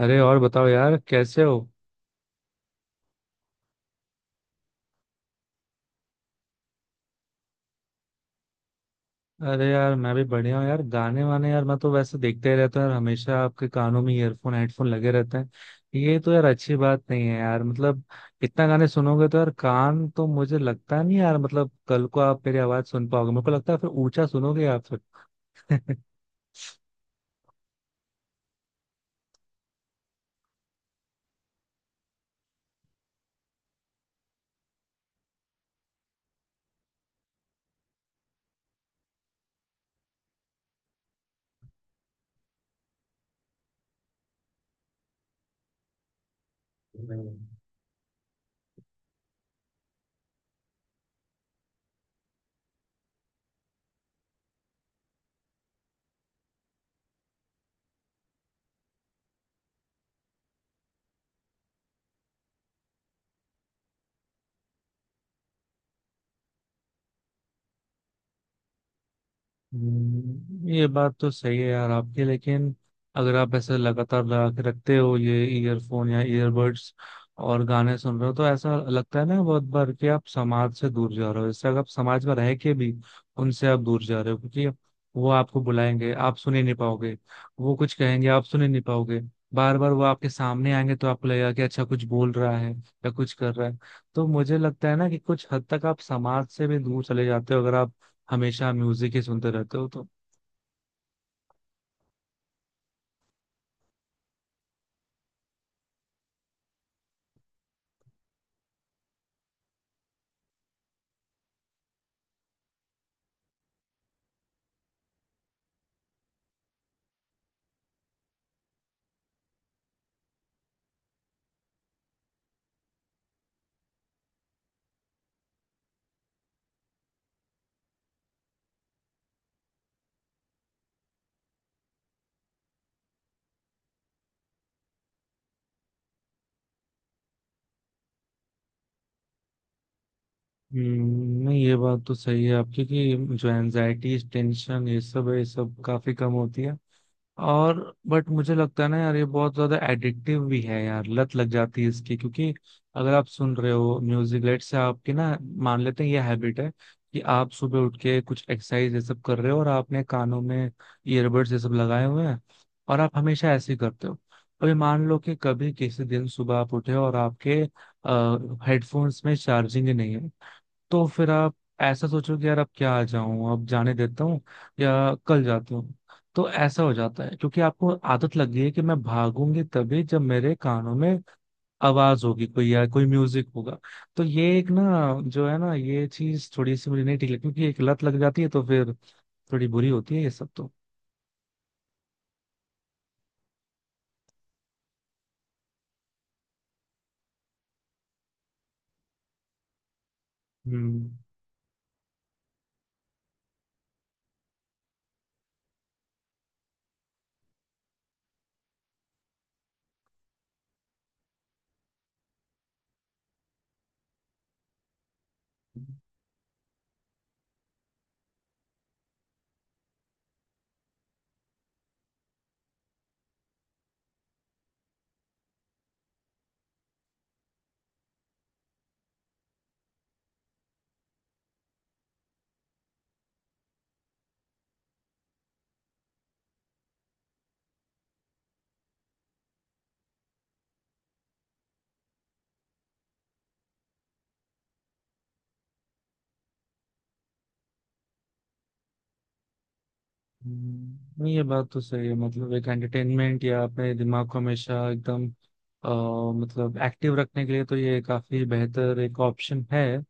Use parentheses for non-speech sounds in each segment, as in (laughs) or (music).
अरे, और बताओ यार, कैसे हो? अरे यार, मैं भी बढ़िया हूँ यार। गाने वाने, यार मैं तो वैसे देखते ही रहता हूँ यार, हमेशा आपके कानों में ईयरफोन हेडफोन लगे रहते हैं। ये तो यार अच्छी बात नहीं है यार, मतलब इतना गाने सुनोगे तो यार, कान तो मुझे लगता नहीं यार, मतलब कल को आप मेरी आवाज सुन पाओगे मेरे को लगता है, फिर ऊंचा सुनोगे आप फिर। (laughs) नहीं। ये बात तो सही है यार आपकी, लेकिन अगर आप ऐसे लगातार लगा के रखते हो ये ईयरफोन या ईयरबड्स और गाने सुन रहे हो, तो ऐसा लगता है ना बहुत बार कि आप समाज से दूर जा रहे हो। इससे अगर आप समाज में रह के भी उनसे आप दूर जा रहे हो, क्योंकि वो आपको बुलाएंगे आप सुन ही नहीं पाओगे। वो कुछ कहेंगे आप सुन ही नहीं पाओगे। बार बार वो आपके सामने आएंगे तो आपको लगेगा कि अच्छा, कुछ बोल रहा है या कुछ कर रहा है। तो मुझे लगता है ना कि कुछ हद तक आप समाज से भी दूर चले जाते हो अगर आप हमेशा म्यूजिक ही सुनते रहते हो तो। नहीं, ये बात तो सही है आपकी कि जो एनजाइटी टेंशन ये सब है, ये सब काफी कम होती है। और बट मुझे लगता है ना यार, ये बहुत ज्यादा एडिक्टिव भी है यार, लत लग जाती है इसकी। क्योंकि अगर आप सुन रहे हो म्यूजिक लेट से आपकी ना, मान लेते हैं ये हैबिट है कि आप सुबह उठ के कुछ एक्सरसाइज ये सब कर रहे हो और आपने कानों में ईयरबड्स ये सब लगाए हुए हैं और आप हमेशा ऐसे ही करते हो। अभी मान लो कि कभी किसी दिन सुबह आप उठे और आपके हेडफोन्स में चार्जिंग ही नहीं है, तो फिर आप ऐसा सोचो कि यार अब क्या आ जाऊं, अब जाने देता हूँ या कल जाता हूँ। तो ऐसा हो जाता है क्योंकि आपको आदत लग गई है कि मैं भागूंगी तभी जब मेरे कानों में आवाज होगी कोई या कोई म्यूजिक होगा। तो ये एक ना, जो है ना, ये चीज थोड़ी सी मुझे नहीं ठीक लगती, क्योंकि एक लत लग जाती है, तो फिर थोड़ी बुरी होती है ये सब तो। हम्म। ये बात तो सही है, मतलब एक एंटरटेनमेंट या अपने दिमाग को हमेशा एकदम अ, मतलब एक्टिव रखने के लिए तो ये काफी बेहतर एक ऑप्शन है।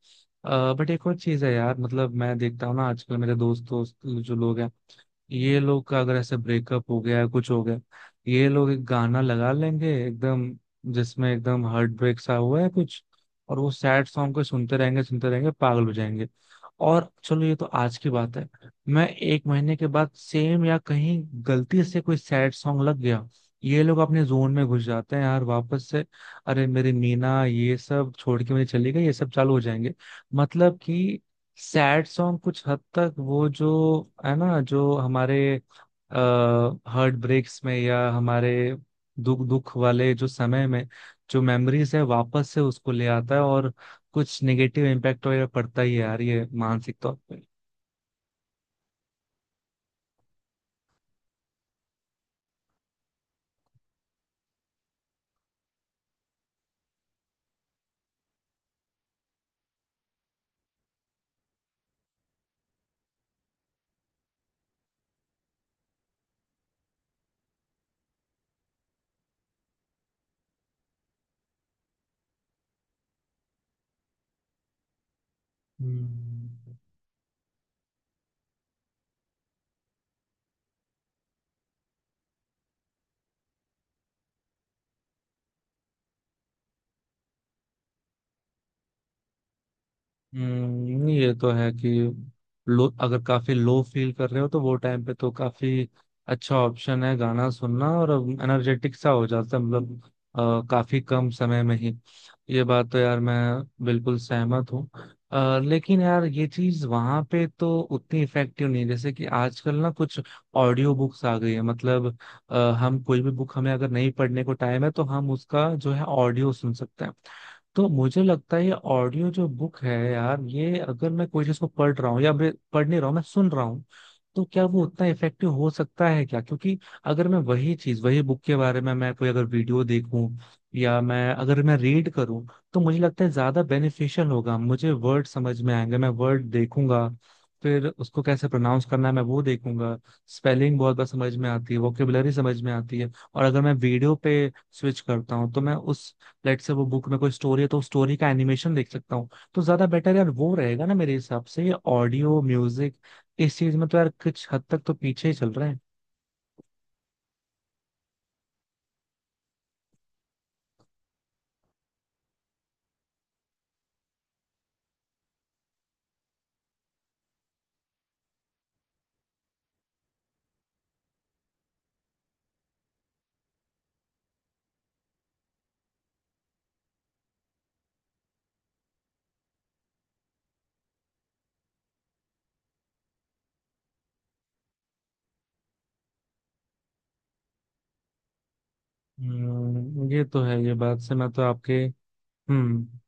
बट एक और चीज है यार, मतलब मैं देखता हूँ ना आजकल मेरे दोस्त दोस्त जो लोग हैं, ये लोग का अगर ऐसे ब्रेकअप हो गया या कुछ हो गया, ये लोग एक गाना लगा लेंगे एकदम, जिसमें एकदम हार्ट ब्रेक सा हुआ है कुछ, और वो सैड सॉन्ग को सुनते रहेंगे सुनते रहेंगे, पागल हो जाएंगे। और चलो ये तो आज की बात है, मैं एक महीने के बाद सेम या कहीं गलती से कोई सैड सॉन्ग लग गया, ये लोग अपने जोन में घुस जाते हैं यार वापस से। अरे मेरी मीना ये सब छोड़ के मुझे चली गई, ये सब चालू हो जाएंगे। मतलब कि सैड सॉन्ग कुछ हद तक वो जो है ना, जो हमारे हार्ट ब्रेक्स में या हमारे दुख दुख वाले जो समय में जो मेमोरीज है, वापस से उसको ले आता है और कुछ नेगेटिव इम्पैक्ट वगैरह पड़ता ही है यार, ये मानसिक तौर पे। हम्म। हम्म, ये तो है कि लो, अगर काफी लो फील कर रहे हो तो वो टाइम पे तो काफी अच्छा ऑप्शन है गाना सुनना। और एनर्जेटिक सा हो जाता है, मतलब काफी कम समय में ही। ये बात तो यार मैं बिल्कुल सहमत हूँ। लेकिन यार ये चीज वहां पे तो उतनी इफेक्टिव नहीं है। जैसे कि आजकल ना कुछ ऑडियो बुक्स आ गई है, मतलब अ, हम कोई भी बुक, हमें अगर नहीं पढ़ने को टाइम है तो हम उसका जो है ऑडियो सुन सकते हैं। तो मुझे लगता है ये ऑडियो जो बुक है यार, ये अगर मैं कोई चीज को पढ़ रहा हूँ या मैं पढ़ नहीं रहा हूँ मैं सुन रहा हूँ, तो क्या वो उतना इफेक्टिव हो सकता है क्या? क्योंकि अगर मैं वही चीज, वही बुक के बारे में मैं कोई अगर वीडियो देखूं या मैं अगर मैं रीड करूं, तो मुझे लगता है ज्यादा बेनिफिशियल होगा। मुझे वर्ड समझ में आएंगे, मैं वर्ड देखूंगा, फिर उसको कैसे प्रोनाउंस करना है मैं वो देखूंगा, स्पेलिंग बहुत बार समझ में आती है, वोकेबुलरी समझ में आती है। और अगर मैं वीडियो पे स्विच करता हूँ, तो मैं उस, लेट से वो बुक में कोई स्टोरी है तो स्टोरी का एनिमेशन देख सकता हूँ। तो ज्यादा बेटर यार वो रहेगा ना मेरे हिसाब से। ये ऑडियो म्यूजिक इस चीज में तो यार कुछ हद तक तो पीछे ही चल रहे हैं। ये तो है, ये बात से मैं तो आपके। हम्म।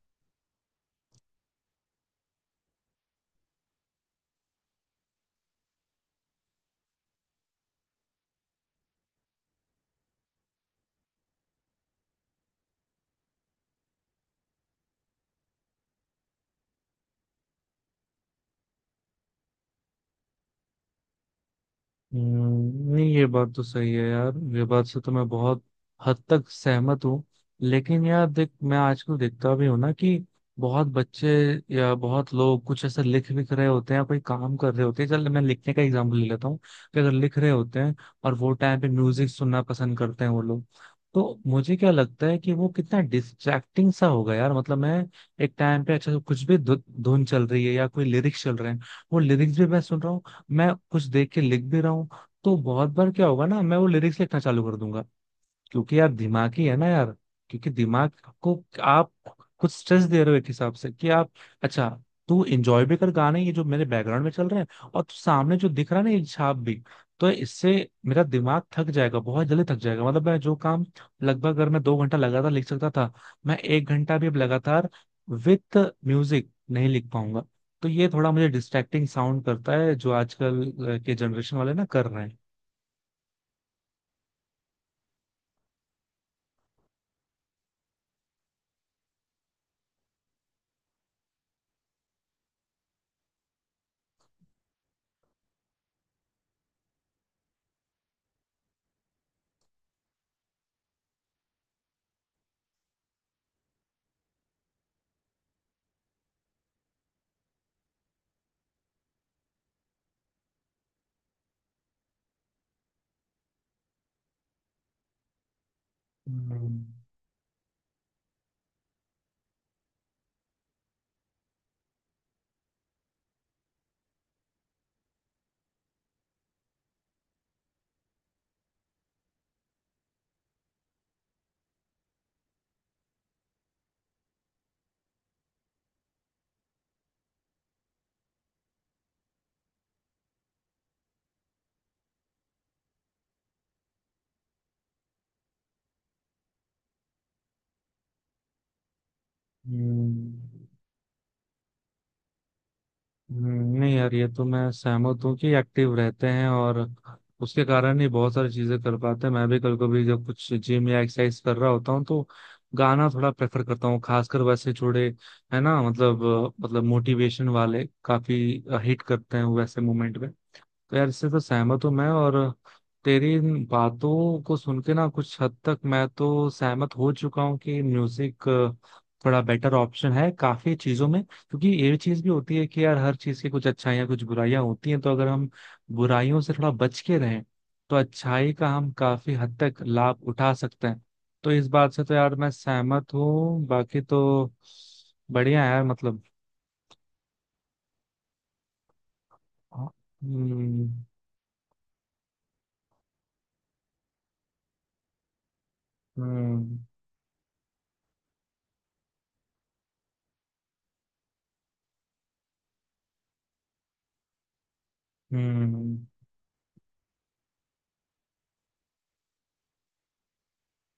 नहीं ये बात तो सही है यार, ये बात से तो मैं बहुत हद तक सहमत हूँ। लेकिन यार देख, मैं आजकल देखता भी हूँ ना कि बहुत बच्चे या बहुत लोग कुछ ऐसा लिख विख रहे होते हैं या कोई काम कर रहे होते हैं, चल मैं लिखने का एग्जांपल ले लेता हूँ। कि अगर लिख रहे होते हैं और वो टाइम पे म्यूजिक सुनना पसंद करते हैं वो लोग, तो मुझे क्या लगता है कि वो कितना डिस्ट्रैक्टिंग सा होगा यार। मतलब मैं एक टाइम पे, अच्छा कुछ भी धुन चल रही है या कोई लिरिक्स चल रहे हैं, वो लिरिक्स भी मैं सुन रहा हूँ, मैं कुछ देख के लिख भी रहा हूँ, तो बहुत बार क्या होगा ना, मैं वो लिरिक्स लिखना चालू कर दूंगा। क्योंकि यार दिमाग ही है ना यार, क्योंकि दिमाग को आप कुछ स्ट्रेस दे रहे हो एक हिसाब से कि आप, अच्छा तू एंजॉय भी कर गाने ये जो मेरे बैकग्राउंड में चल रहे हैं, और तू सामने जो दिख रहा है ना ये छाप भी। तो इससे मेरा दिमाग थक जाएगा, बहुत जल्दी थक जाएगा। मतलब मैं जो काम लगभग अगर मैं दो घंटा लगातार लिख सकता था, मैं एक घंटा भी अब लगातार विथ म्यूजिक नहीं लिख पाऊंगा। तो ये थोड़ा मुझे डिस्ट्रैक्टिंग साउंड करता है जो आजकल के जनरेशन वाले ना कर रहे हैं। हम्म। हम्म। नहीं यार ये तो मैं सहमत हूँ कि एक्टिव रहते हैं और उसके कारण ही बहुत सारी चीजें कर पाते हैं। मैं भी कभी कभी जब कुछ जिम या एक्सरसाइज कर रहा होता हूँ तो गाना थोड़ा प्रेफर करता हूँ, खासकर वैसे जुड़े, है ना, मतलब मतलब मोटिवेशन वाले काफी हिट करते हैं वैसे मोमेंट में। तो यार इससे तो सहमत हूँ मैं, और तेरी इन बातों को सुन के ना कुछ हद तक मैं तो सहमत हो चुका हूँ कि म्यूजिक थोड़ा बेटर ऑप्शन है काफी चीजों में। क्योंकि ये चीज भी होती है कि यार हर चीज की कुछ अच्छाइयाँ कुछ बुराइयां होती हैं, तो अगर हम बुराइयों से थोड़ा बच के रहें, तो अच्छाई का हम काफी हद तक लाभ उठा सकते हैं। तो इस बात से तो यार मैं सहमत हूँ, बाकी तो बढ़िया है यार, मतलब। हाँ। हम्म। हम्म। हम्म।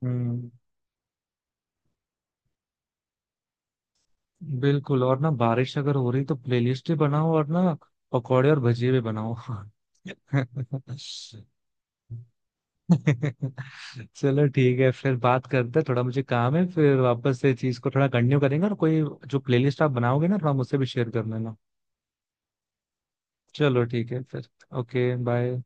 हम्म। बिल्कुल, और ना बारिश अगर हो रही तो प्लेलिस्ट ही बनाओ, और ना पकौड़े और भजिए भी बनाओ। (laughs) चलो ठीक है, फिर बात करते हैं, थोड़ा मुझे काम है। फिर वापस से चीज को थोड़ा कंटिन्यू करेंगे। और कोई जो प्लेलिस्ट आप बनाओगे ना, थोड़ा मुझसे भी शेयर कर लेना। चलो ठीक है फिर। Okay bye.